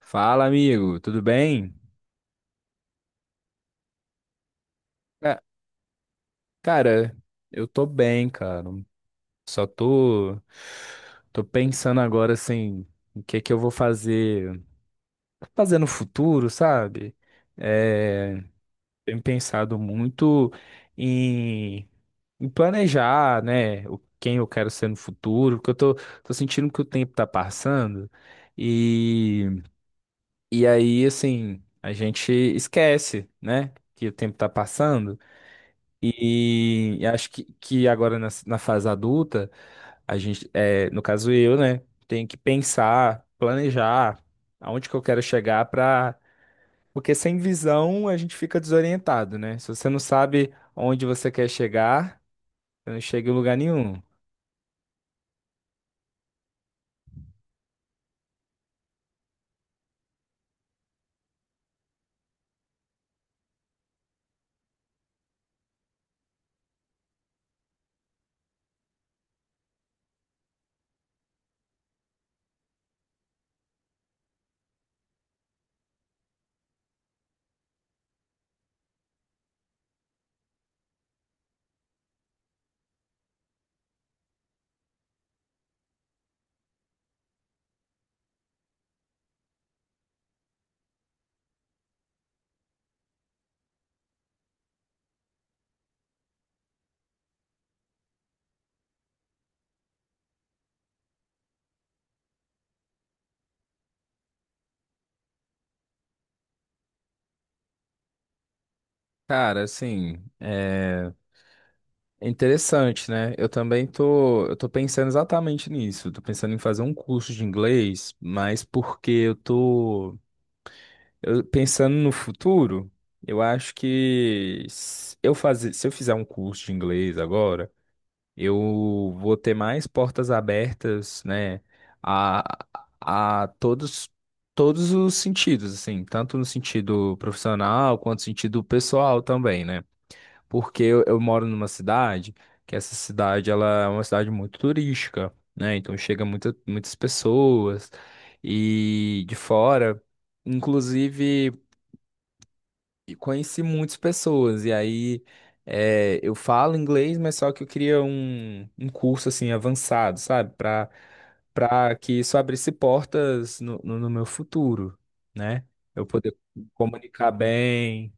Fala, amigo, tudo bem? Ca- Cara, eu tô bem, cara. Só tô pensando agora assim, o que que eu vou fazer, fazer no futuro, sabe? É, tenho pensado muito em, em planejar, né, o quem eu quero ser no futuro, porque tô sentindo que o tempo tá passando e e aí assim, a gente esquece, né, que o tempo tá passando. E acho que agora na fase adulta, a gente, é, no caso eu, né, tenho que pensar, planejar aonde que eu quero chegar para. Porque sem visão a gente fica desorientado, né? Se você não sabe onde você quer chegar, você não chega em lugar nenhum. Cara, assim, é interessante, né? Eu também tô pensando exatamente nisso. Eu tô pensando em fazer um curso de inglês, mas porque pensando no futuro, eu acho que se eu fizer um curso de inglês agora, eu vou ter mais portas abertas, né, a, a todos os sentidos, assim, tanto no sentido profissional quanto no sentido pessoal também, né? Porque eu moro numa cidade que essa cidade ela é uma cidade muito turística, né? Então chega muitas pessoas e de fora. Inclusive, e conheci muitas pessoas. E aí é, eu falo inglês, mas só que eu queria um curso assim avançado, sabe? Para que isso abrisse portas no meu futuro, né? Eu poder comunicar bem.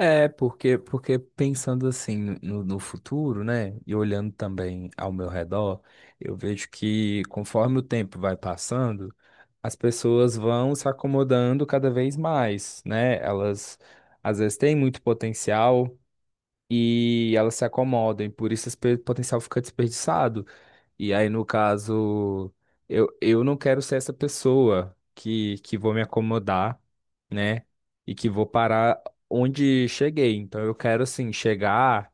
É, porque pensando assim no futuro, né, e olhando também ao meu redor, eu vejo que conforme o tempo vai passando, as pessoas vão se acomodando cada vez mais, né? Elas às vezes têm muito potencial e elas se acomodam, e por isso esse potencial fica desperdiçado. E aí, no caso, eu não quero ser essa pessoa que vou me acomodar, né? E que vou parar onde cheguei. Então, eu quero, assim, chegar,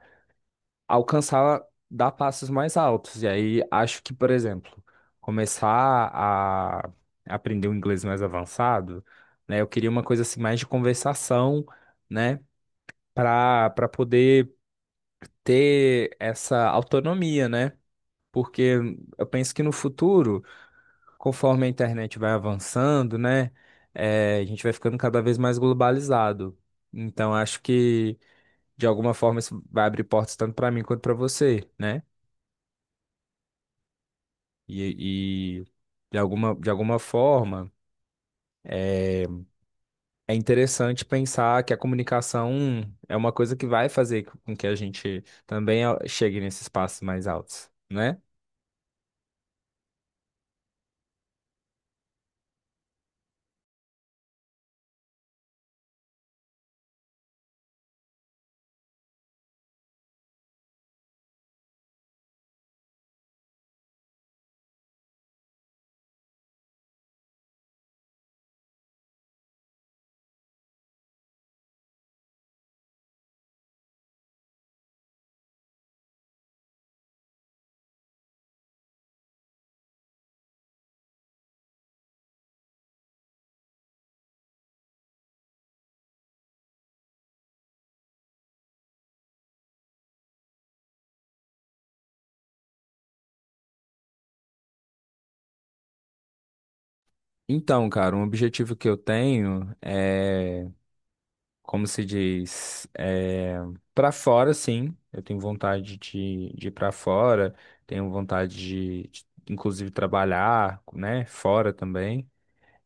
alcançar, dar passos mais altos. E aí, acho que, por exemplo, começar a aprender um inglês mais avançado, né? Eu queria uma coisa, assim, mais de conversação, né? Para poder ter essa autonomia, né? Porque eu penso que no futuro conforme a internet vai avançando, né, a gente vai ficando cada vez mais globalizado. Então, acho que, de alguma forma, isso vai abrir portas tanto para mim quanto para você, né? E de alguma forma, eh, é, interessante pensar que a comunicação é uma coisa que vai fazer com que a gente também chegue nesses espaços mais altos, né? Então, cara, um objetivo que eu tenho é como se diz, é, para fora, sim. Eu tenho vontade de ir para fora, tenho vontade inclusive, trabalhar, né, fora também.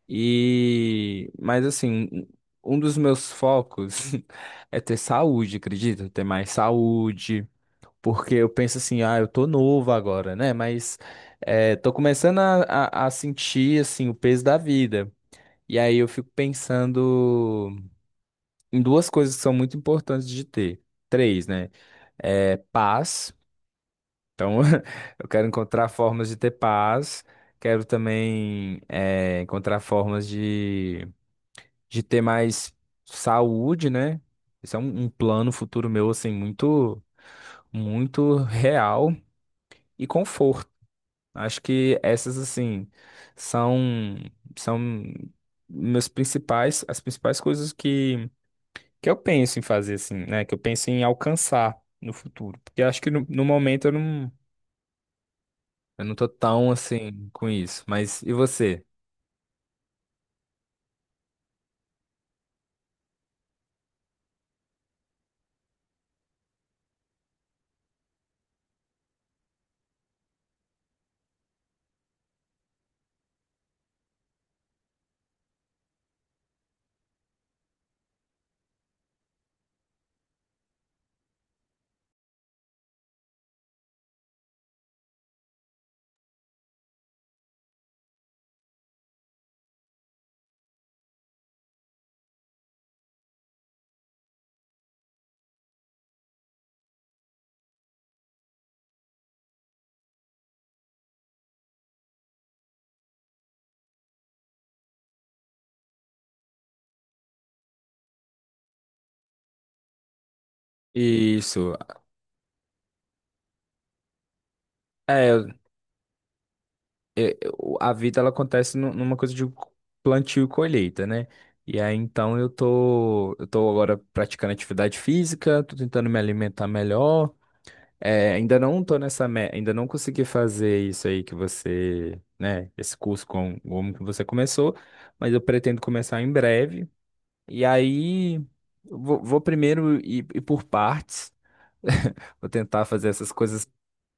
E, mas assim, um dos meus focos é ter saúde, acredita? Ter mais saúde, porque eu penso assim, ah, eu tô novo agora, né? Mas é, tô começando a sentir, assim, o peso da vida. E aí eu fico pensando em duas coisas que são muito importantes de ter. Três, né? É paz. Então, eu quero encontrar formas de ter paz. Quero também é, encontrar formas de ter mais saúde, né? Isso é um plano futuro meu, assim, muito, muito real e conforto. Acho que essas, assim, são, são meus principais, as principais coisas que eu penso em fazer assim, né? Que eu penso em alcançar no futuro. Porque eu acho que no momento eu não tô tão assim com isso. Mas e você? Isso. É, a vida ela acontece numa coisa de plantio e colheita, né? E aí então eu tô agora praticando atividade física, tô tentando me alimentar melhor. É, ainda não tô nessa, ainda não consegui fazer isso aí que você, né, esse curso com como que você começou, mas eu pretendo começar em breve. E aí, eu vou, vou primeiro ir, ir por partes. Vou tentar fazer essas coisas,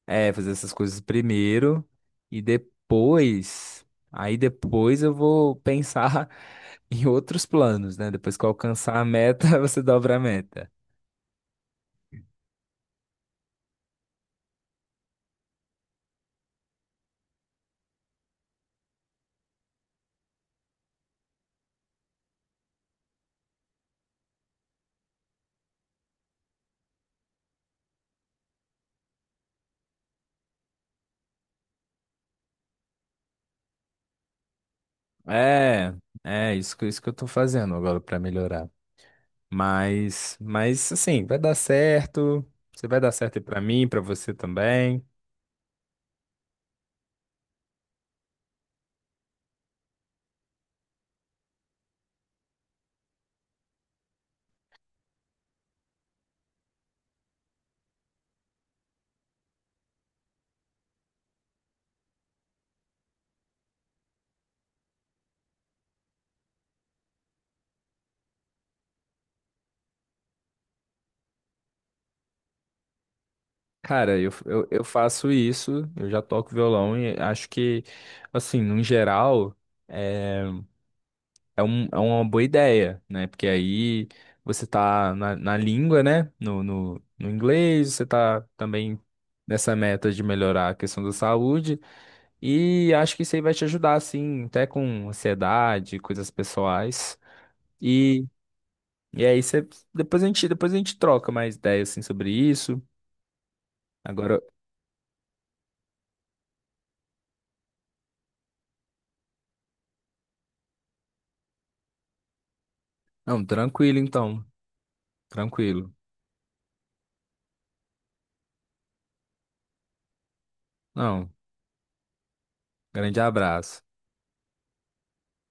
é, fazer essas coisas primeiro e depois, aí depois eu vou pensar em outros planos, né? Depois que eu alcançar a meta, você dobra a meta. É, é isso isso que eu tô fazendo agora pra melhorar. Mas assim, vai dar certo. Você vai dar certo aí pra mim, pra você também. Cara, eu faço isso, eu já toco violão e acho que, assim, no geral, é, é uma boa ideia, né? Porque aí você tá na língua, né? No inglês, você tá também nessa meta de melhorar a questão da saúde, e acho que isso aí vai te ajudar, assim, até com ansiedade, coisas pessoais. E, e aí você, depois a gente troca mais ideias, assim, sobre isso. Agora, não, tranquilo então, tranquilo. Não, grande abraço.